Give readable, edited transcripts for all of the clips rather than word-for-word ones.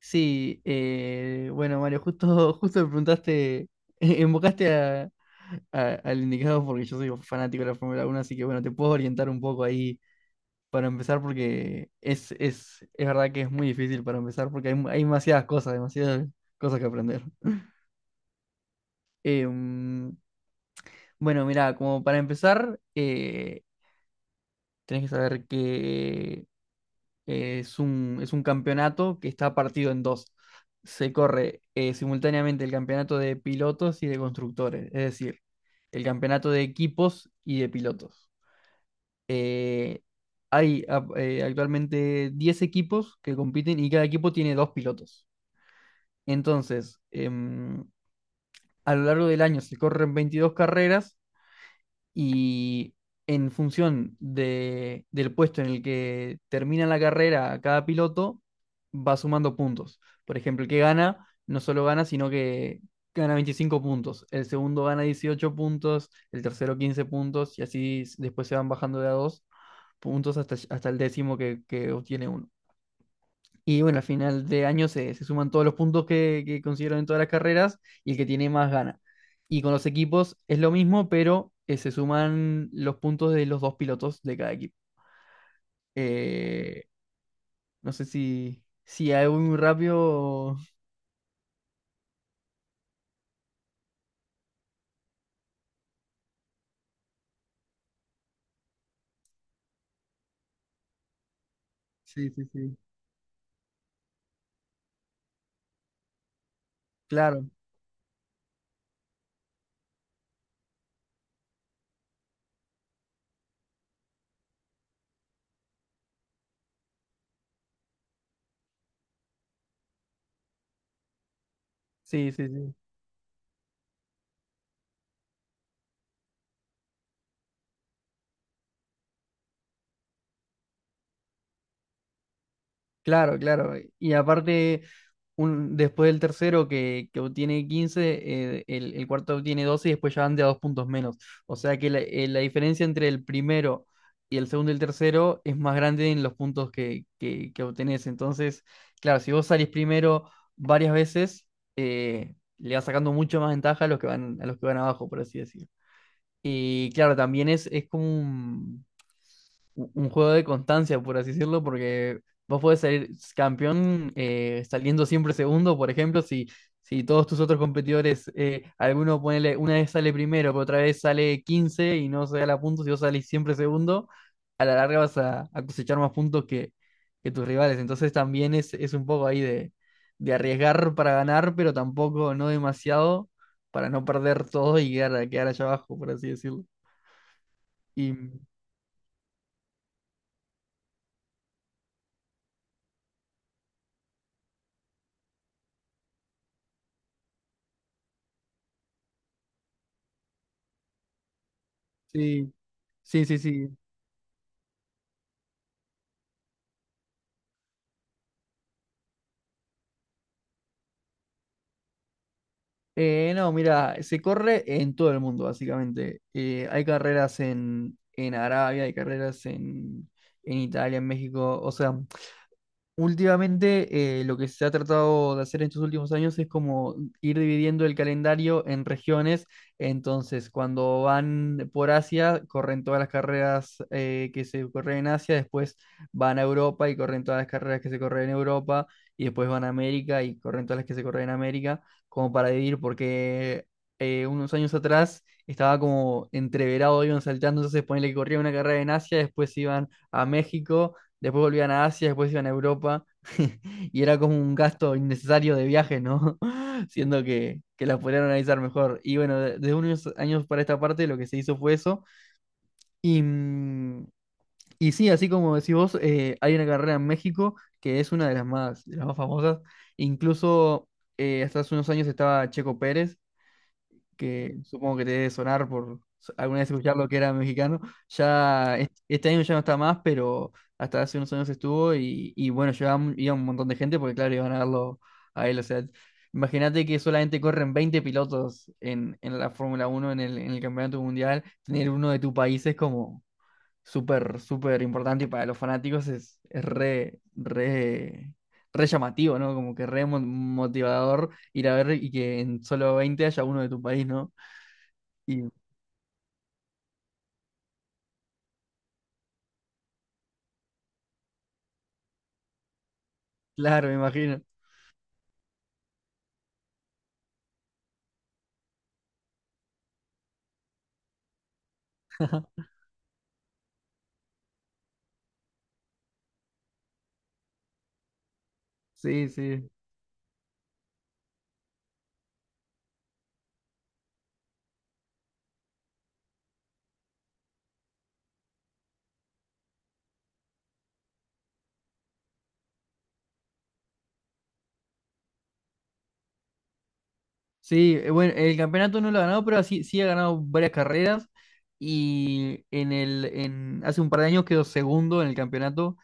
Sí, bueno, Mario, justo, justo me preguntaste, invocaste a, al indicado porque yo soy fanático de la Fórmula 1, así que bueno, te puedo orientar un poco ahí para empezar porque es verdad que es muy difícil para empezar porque hay demasiadas cosas que aprender. Em, bueno, mira, como para empezar, tenés que saber que es un campeonato que está partido en dos. Se corre simultáneamente el campeonato de pilotos y de constructores, es decir, el campeonato de equipos y de pilotos. Hay actualmente 10 equipos que compiten y cada equipo tiene 2 pilotos. Entonces, a lo largo del año se corren 22 carreras, y en función del puesto en el que termina la carrera cada piloto, va sumando puntos. Por ejemplo, el que gana, no solo gana, sino que gana 25 puntos. El segundo gana 18 puntos, el tercero 15 puntos, y así después se van bajando de a 2 puntos hasta, hasta el décimo que obtiene uno. Y bueno, al final de año se suman todos los puntos que consiguieron en todas las carreras y el que tiene más gana. Y con los equipos es lo mismo, pero se suman los puntos de los dos pilotos de cada equipo. Eh, no sé si hago muy rápido. O- Sí, sí, sí. Claro, sí, sí, sí. Claro, claro. Y aparte, un, después del tercero que obtiene 15, el cuarto obtiene 12 y después ya van de a 2 puntos menos. O sea que la diferencia entre el primero y el segundo y el tercero es más grande en los puntos que obtenés. Entonces, claro, si vos salís primero varias veces, le vas sacando mucho más ventaja a los que van, a los que van abajo, por así decirlo. Y claro, también es como un juego de constancia, por así decirlo, porque vos podés salir campeón saliendo siempre segundo, por ejemplo, si todos tus otros competidores, alguno ponele, una vez sale primero, pero otra vez sale 15 y no se da la puntos, si vos salís siempre segundo, a la larga vas a cosechar más puntos que tus rivales. Entonces también es un poco ahí de arriesgar para ganar, pero tampoco no demasiado para no perder todo y quedar, quedar allá abajo, por así decirlo. Y sí. Sí, sí, sí. No, mira, se corre en todo el mundo, básicamente. Hay carreras en Arabia, hay carreras en Italia, en México. O sea, últimamente, lo que se ha tratado de hacer en estos últimos años es como ir dividiendo el calendario en regiones. Entonces, cuando van por Asia, corren todas las carreras que se corren en Asia, después van a Europa y corren todas las carreras que se corren en Europa, y después van a América y corren todas las que se corren en América, como para dividir, porque unos años atrás estaba como entreverado, iban saltando, entonces ponele que corría una carrera en Asia, después iban a México, después volvían a Asia, después iban a Europa, y era como un gasto innecesario de viaje, ¿no? Siendo que las podrían organizar mejor. Y bueno, desde unos años para esta parte lo que se hizo fue eso. Y, y sí, así como decís vos, hay una carrera en México que es una de las más famosas. Incluso hasta hace unos años estaba Checo Pérez, que supongo que te debe sonar por alguna vez escuchar lo que era mexicano. Este año ya no está más, pero hasta hace unos años estuvo y bueno, iba un montón de gente porque claro, iban a verlo a él. O sea, imagínate que solamente corren 20 pilotos en la Fórmula Uno en en el Campeonato Mundial. Tener uno de tu país es como súper, súper importante y para los fanáticos es re, re... Re llamativo, ¿no? Como que re motivador ir a ver y que en solo 20 haya uno de tu país, ¿no? Y claro, me imagino. Sí, sí. Sí, bueno, el campeonato no lo ha ganado, pero sí, sí ha ganado varias carreras y en el, en, hace un par de años quedó segundo en el campeonato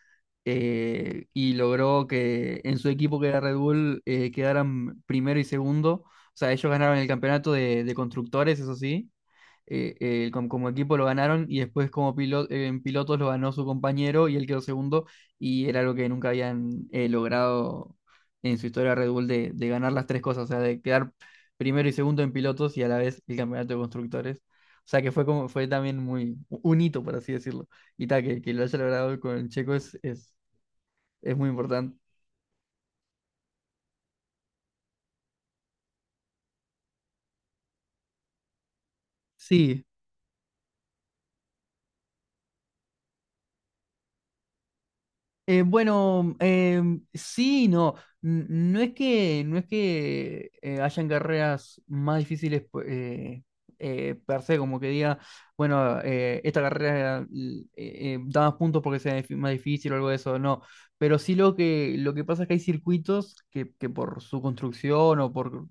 y logró que en su equipo, que era Red Bull, quedaran primero y segundo. O sea, ellos ganaron el campeonato de constructores, eso sí, equipo lo ganaron y después como en pilotos lo ganó su compañero y él quedó segundo y era algo que nunca habían logrado en su historia Red Bull de ganar las tres cosas, o sea, de quedar primero y segundo en pilotos y a la vez el campeonato de constructores. O sea que fue como, fue también muy un hito, por así decirlo. Y tal, que lo haya logrado con Checo es muy importante. Sí, eh, bueno, sí, y no. No es que, no es que hayan carreras más difíciles per se, como que diga, bueno, esta carrera da más puntos porque sea más difícil o algo de eso, no. Pero sí lo lo que pasa es que hay circuitos que por su construcción o por,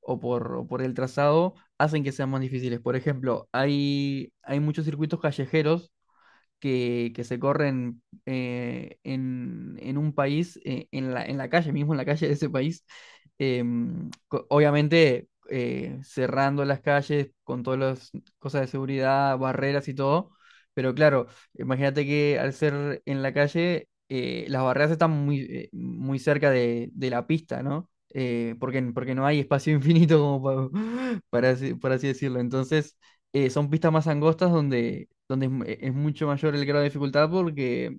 o por, o por el trazado hacen que sean más difíciles. Por ejemplo, hay muchos circuitos callejeros que se corren en un país, en la calle, mismo en la calle de ese país, obviamente cerrando las calles con todas las cosas de seguridad, barreras y todo, pero claro, imagínate que al ser en la calle, las barreras están muy, muy cerca de la pista, ¿no? Porque no hay espacio infinito como para, por así decirlo. Entonces, son pistas más angostas donde, donde es mucho mayor el grado de dificultad porque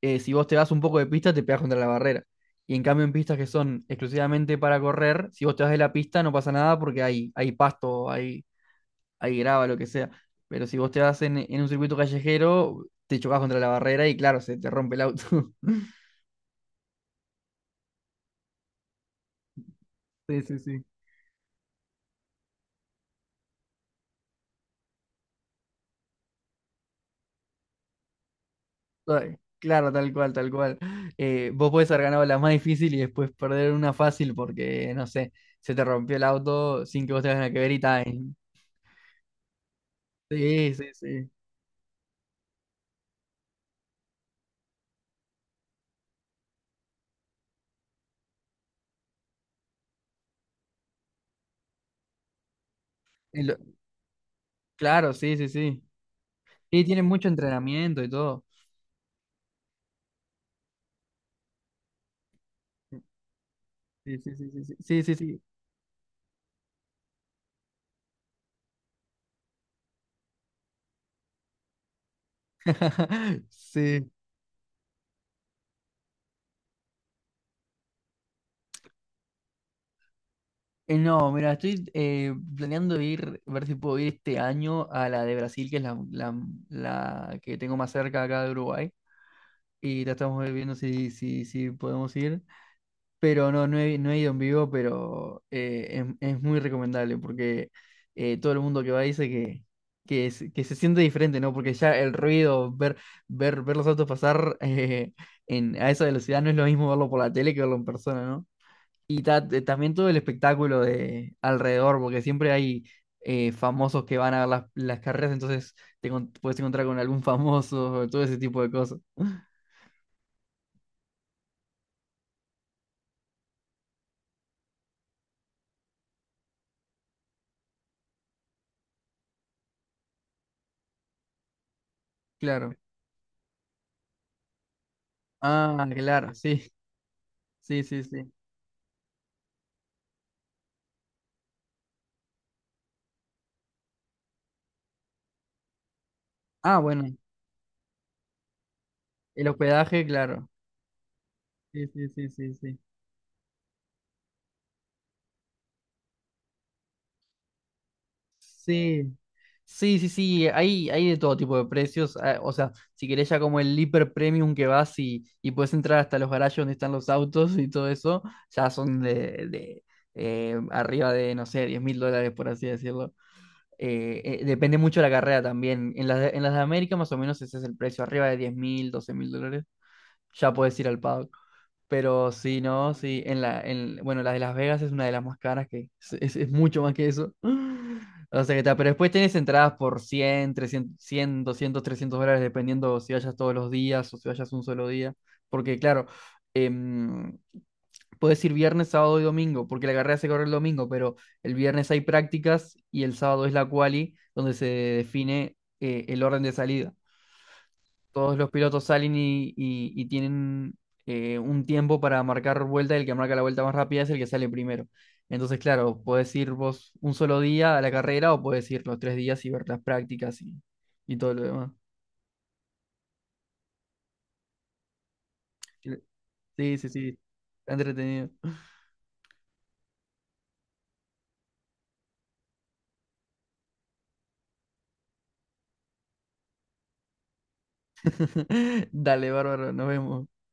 si vos te vas un poco de pista te pegas contra la barrera. Y en cambio en pistas que son exclusivamente para correr, si vos te vas de la pista no pasa nada porque hay pasto, hay grava, lo que sea. Pero si vos te vas en un circuito callejero, te chocas contra la barrera y claro, se te rompe el auto. Sí, sí, sí. Ay, claro, tal cual, tal cual. Vos podés haber ganado la más difícil y después perder una fácil porque, no sé, se te rompió el auto sin que vos tengas nada que ver y tal. Sí, sí, sí. Y lo- claro, sí, sí, sí. Y tiene mucho entrenamiento y todo. Sí, sí, sí, sí, sí, sí, sí. Sí. Sí. No, mira, estoy planeando ir, ver si puedo ir este año a la de Brasil, que es la, la que tengo más cerca acá de Uruguay. Y la estamos viendo si podemos ir. Pero no, no he ido en vivo, pero es muy recomendable porque todo el mundo que va dice que se siente diferente, ¿no? Porque ya el ruido, ver, ver, ver los autos pasar a esa velocidad no es lo mismo verlo por la tele que verlo en persona, ¿no? Y también todo el espectáculo de alrededor, porque siempre hay famosos que van a ver las carreras, entonces puedes encontrar con algún famoso, todo ese tipo de cosas. Claro. Ah, claro, sí, sí, sí, sí. Ah, bueno. El hospedaje, claro. Sí, sí, sí, sí, sí. Sí, sí, sí, sí. Hay de todo tipo de precios. Ah, o sea, si querés ya como el hiper premium que vas y puedes entrar hasta los garajes donde están los autos y todo eso, ya son de, arriba de, no sé, 10.000 dólares, por así decirlo. Depende mucho de la carrera también. En las de América más o menos ese es el precio, arriba de 10.000, 12.000 dólares. Ya puedes ir al paddock. Pero sí, no, sí, en la, en, bueno, la de Las Vegas es una de las más caras que es mucho más que eso. O sea que está, pero después tienes entradas por 100, 300, 100, 200, 300 dólares, dependiendo si vayas todos los días o si vayas un solo día. Porque claro, em, puedes ir viernes, sábado y domingo, porque la carrera se corre el domingo, pero el viernes hay prácticas y el sábado es la quali, donde se define el orden de salida todos los pilotos salen y, y tienen un tiempo para marcar vuelta y el que marca la vuelta más rápida es el que sale primero. Entonces, claro, puedes ir vos un solo día a la carrera o puedes ir los tres días y ver las prácticas y todo lo demás. Sí, sí, sí, está entretenido. Dale, bárbaro, nos vemos.